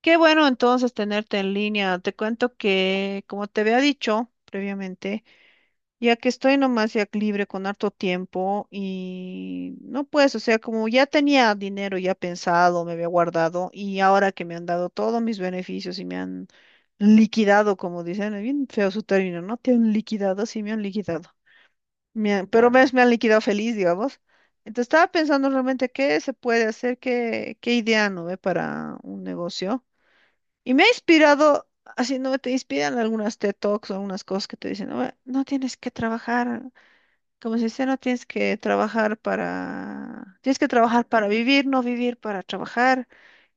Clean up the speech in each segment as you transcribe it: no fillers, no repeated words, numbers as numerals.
Qué bueno entonces tenerte en línea. Te cuento que, como te había dicho previamente, ya que estoy nomás ya libre con harto tiempo y no pues, o sea, como ya tenía dinero ya pensado, me había guardado y ahora que me han dado todos mis beneficios y me han liquidado, como dicen, es bien feo su término, ¿no? Te han liquidado, sí, me han liquidado. Pero me han liquidado feliz, digamos. Entonces estaba pensando realmente qué se puede hacer, qué idea, ¿no ve? Para un negocio. Y me ha inspirado, así no, te inspiran algunas TED Talks o algunas cosas que te dicen, no, no tienes que trabajar, como se dice, no tienes que trabajar para, tienes que trabajar para vivir, no vivir para trabajar.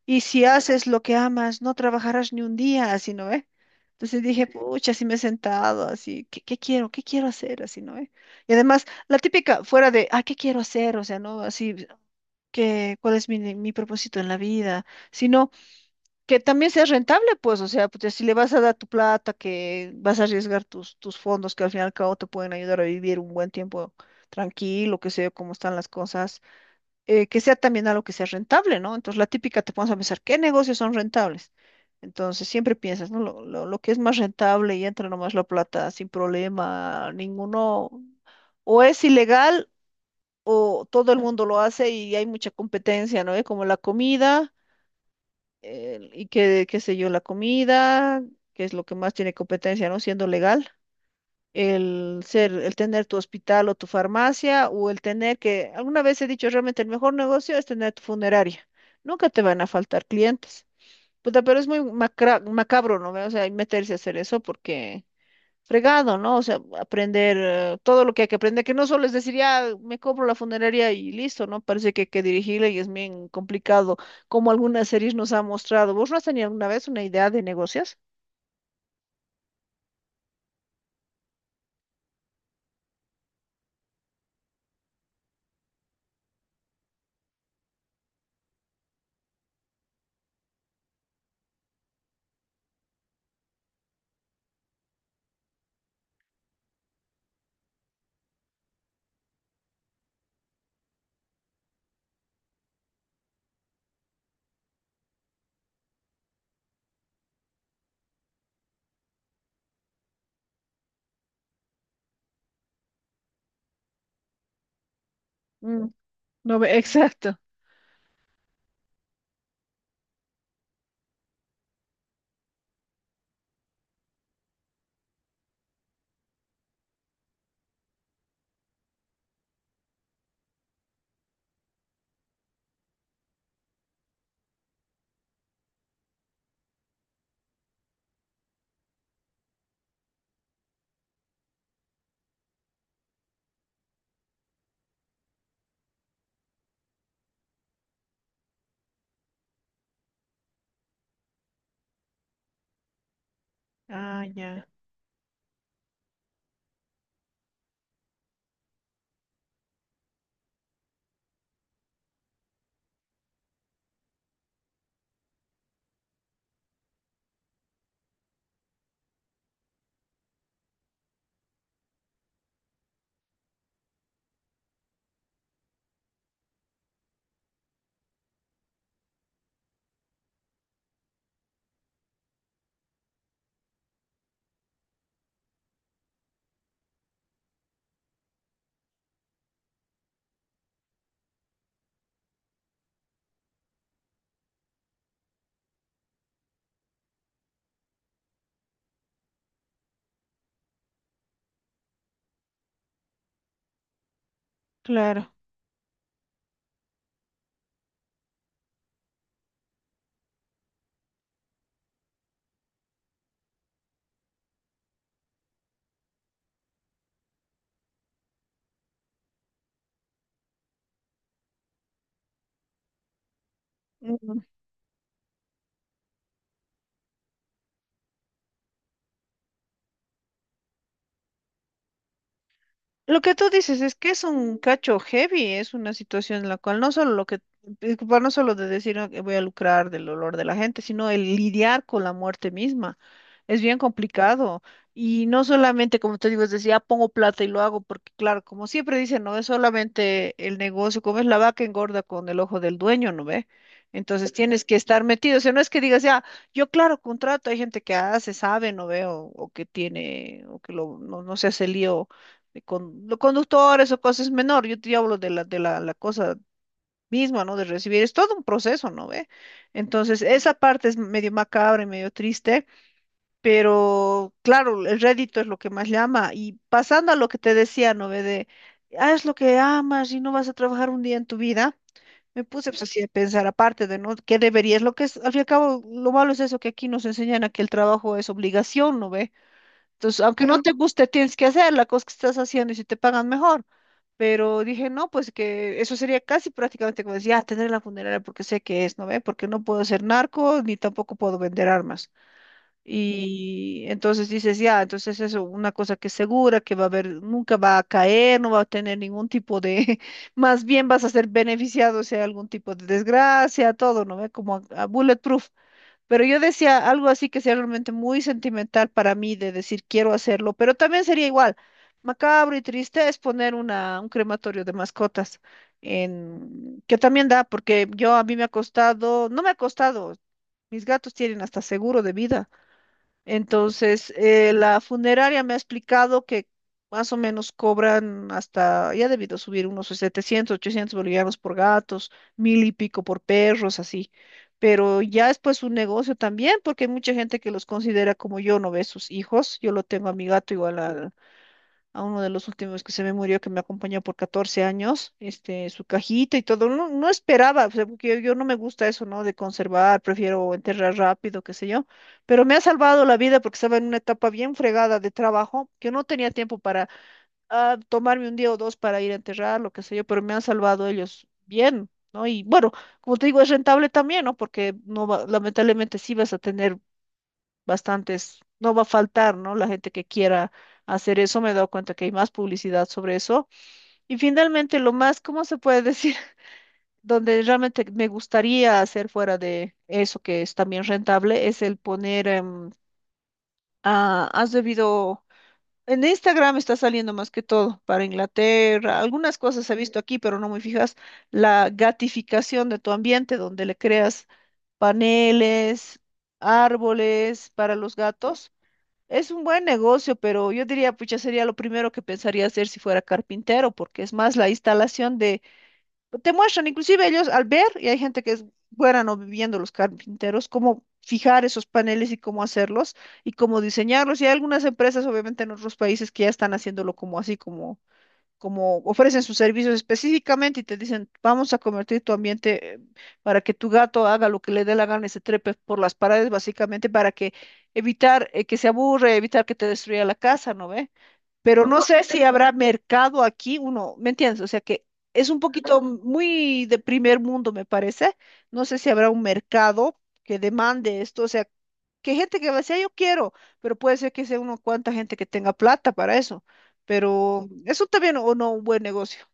Y si haces lo que amas, no trabajarás ni un día, así no, Entonces dije, pucha, así me he sentado, así, ¿qué quiero? ¿Qué quiero hacer? Así, ¿no? Y además, la típica, fuera de, ¿qué quiero hacer? O sea, ¿no? Así, que, ¿cuál es mi propósito en la vida? Sino, que también sea rentable, pues, o sea, pues, si le vas a dar tu plata, que vas a arriesgar tus fondos, que al fin y al cabo te pueden ayudar a vivir un buen tiempo tranquilo, que sea cómo están las cosas, que sea también algo que sea rentable, ¿no? Entonces, la típica te pones a pensar, ¿qué negocios son rentables? Entonces, siempre piensas, ¿no? Lo que es más rentable y entra nomás la plata sin problema, ninguno, o es ilegal. O todo el mundo lo hace y hay mucha competencia, ¿no? Como la comida, y qué sé yo, la comida, que es lo que más tiene competencia, ¿no? Siendo legal, el tener tu hospital o tu farmacia, o el tener que, alguna vez he dicho, realmente el mejor negocio es tener tu funeraria. Nunca te van a faltar clientes. Puta, pero es muy macabro, ¿no? O sea, meterse a hacer eso porque fregado, ¿no? O sea, aprender todo lo que hay que aprender, que no solo es decir, ya me compro la funeraria y listo, ¿no? Parece que hay que dirigirle y es bien complicado, como algunas series nos han mostrado. ¿Vos no has tenido alguna vez una idea de negocios? Mm, no, ve- exacto. Ah, ya, claro. Lo que tú dices es que es un cacho heavy, es una situación en la cual no solo lo que, preocupar no solo de decir "Ah, que voy a lucrar del dolor de la gente, sino el lidiar con la muerte misma. Es bien complicado. Y no solamente, como te digo, es decir, ya pongo plata y lo hago, porque claro, como siempre dicen, no es solamente el negocio, como es la vaca engorda con el ojo del dueño, ¿no ve? Entonces tienes que estar metido. O sea, no es que digas, ya, yo claro, contrato, hay gente que hace, sabe, ¿no ve? O que tiene, o que lo, no, no se hace lío de con, los conductores o cosas es menor, yo te hablo de la cosa misma, ¿no? De recibir, es todo un proceso, ¿no ve? Entonces, esa parte es medio macabra y medio triste, pero claro, el rédito es lo que más llama. Y pasando a lo que te decía, ¿no ve? De, haz lo que amas y no vas a trabajar un día en tu vida. Me puse pues, así a pensar, aparte de, ¿no? ¿Qué deberías? Lo que es, al fin y al cabo, lo malo es eso que aquí nos enseñan a que el trabajo es obligación, ¿no ve? Entonces, aunque no te guste, tienes que hacer la cosa que estás haciendo y si te pagan mejor. Pero dije, no, pues que eso sería casi prácticamente como decir, ah, tener la funeraria porque sé que es, ¿no ve? Porque no puedo ser narco ni tampoco puedo vender armas. Y entonces dices, ya, entonces eso, una cosa que es segura, que va a haber, nunca va a caer, no va a tener ningún tipo de, más bien vas a ser beneficiado si hay algún tipo de desgracia, todo, ¿no ve? Como a bulletproof. Pero yo decía algo así que sea realmente muy sentimental para mí de decir quiero hacerlo, pero también sería igual, macabro y triste es poner una, un crematorio de mascotas, en, que también da, porque yo a mí me ha costado, no me ha costado, mis gatos tienen hasta seguro de vida. Entonces, la funeraria me ha explicado que más o menos cobran hasta, ya ha debido subir unos 700 800 bolivianos por gatos, mil y pico por perros, así. Pero ya es pues un negocio también, porque hay mucha gente que los considera como yo, no ve sus hijos. Yo lo tengo a mi gato igual al, a uno de los últimos que se me murió, que me acompañó por 14 años, este, su cajita y todo. No, no esperaba, o sea, porque yo no me gusta eso, ¿no? De conservar, prefiero enterrar rápido, qué sé yo. Pero me ha salvado la vida porque estaba en una etapa bien fregada de trabajo, que no tenía tiempo para tomarme un día o dos para ir a enterrar, lo que sé yo, pero me han salvado ellos bien. ¿No? Y bueno, como te digo, es rentable también, ¿no? Porque no va- lamentablemente sí vas a tener bastantes, no va a faltar, ¿no? La gente que quiera hacer eso, me he dado cuenta que hay más publicidad sobre eso. Y finalmente, lo más, ¿cómo se puede decir? Donde realmente me gustaría hacer fuera de eso, que es también rentable, es el poner, has debido... En Instagram está saliendo más que todo para Inglaterra. Algunas cosas he visto aquí, pero no muy fijas. La gatificación de tu ambiente, donde le creas paneles, árboles para los gatos es un buen negocio, pero yo diría, pucha, sería lo primero que pensaría hacer si fuera carpintero, porque es más la instalación de... pues, te muestran, inclusive ellos al ver, y hay gente que es buena no viviendo los carpinteros, cómo fijar esos paneles y cómo hacerlos y cómo diseñarlos. Y hay algunas empresas, obviamente, en otros países que ya están haciéndolo como así, como ofrecen sus servicios específicamente y te dicen, vamos a convertir tu ambiente para que tu gato haga lo que le dé la gana y se trepe por las paredes, básicamente para que evitar que se aburre, evitar que te destruya la casa, ¿no ve? Pero no sé si habrá mercado aquí, uno, ¿me entiendes? O sea que es un poquito muy de primer mundo, me parece. No sé si habrá un mercado que demande esto, o sea, que gente que va a decir, "Ah, yo quiero, pero puede ser que sea uno cuanta gente que tenga plata para eso, pero eso también o no un buen negocio.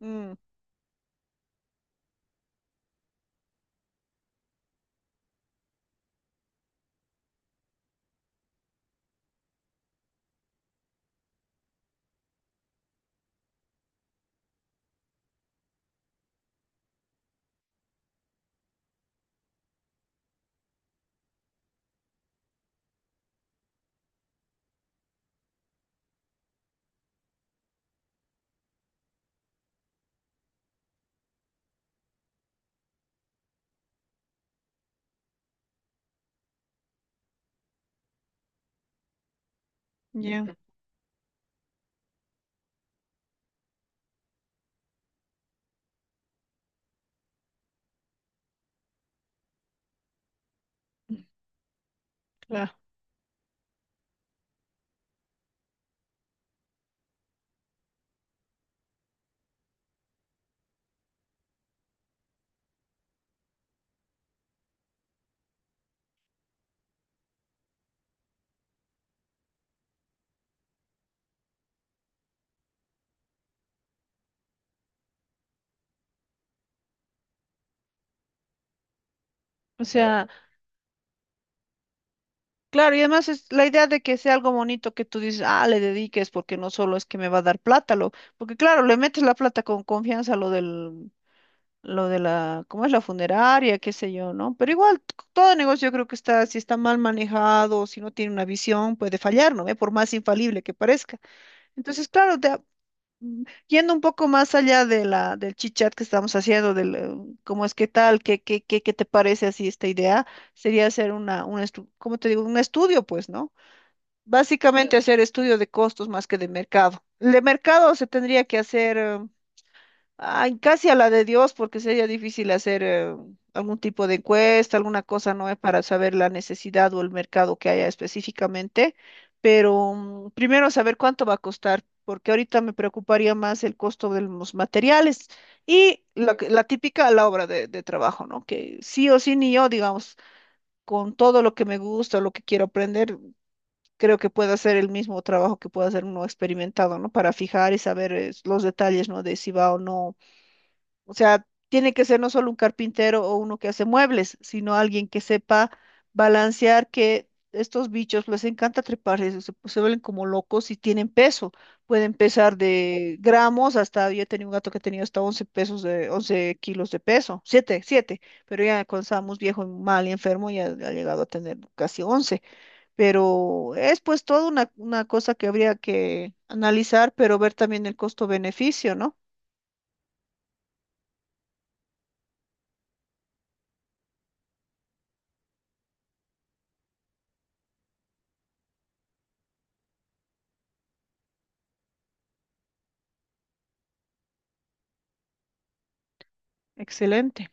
Mm, ya, claro. O sea, claro, y además es la idea de que sea algo bonito que tú dices, ah, le dediques, porque no solo es que me va a dar plata, lo, porque claro, le metes la plata con confianza a lo del lo de la, ¿cómo es la funeraria? Qué sé yo, ¿no? Pero igual, todo negocio yo creo que está, si está mal manejado, si no tiene una visión, puede fallar, ¿no? ve? Por más infalible que parezca. Entonces, claro, yendo un poco más allá de la, del chichat que estamos haciendo, del cómo es qué tal, qué te parece así esta idea, sería hacer un ¿cómo te digo? Un estudio, pues, ¿no? Básicamente claro, hacer estudio de costos más que de mercado. El de mercado se tendría que hacer. Ay, casi a la de Dios, porque sería difícil hacer algún tipo de encuesta, alguna cosa, ¿no? Para saber la necesidad o el mercado que haya específicamente. Pero primero saber cuánto va a costar, porque ahorita me preocuparía más el costo de los materiales y la típica, la obra de trabajo, ¿no? Que sí o sí, ni yo, digamos, con todo lo que me gusta, lo que quiero aprender, creo que puedo hacer el mismo trabajo que puede hacer uno experimentado, ¿no? Para fijar y saber los detalles, ¿no? De si va o no, o sea, tiene que ser no solo un carpintero o uno que hace muebles, sino alguien que sepa balancear que estos bichos les encanta trepar, se vuelven como locos y tienen peso. Pueden pesar de gramos hasta, yo tenía un gato que tenía hasta 11 pesos de, 11 kilos de peso, 7 7, pero ya cuando estábamos viejo, mal y enfermo, ya ha llegado a tener casi 11. Pero es pues toda una cosa que habría que analizar, pero ver también el costo-beneficio, ¿no? Excelente.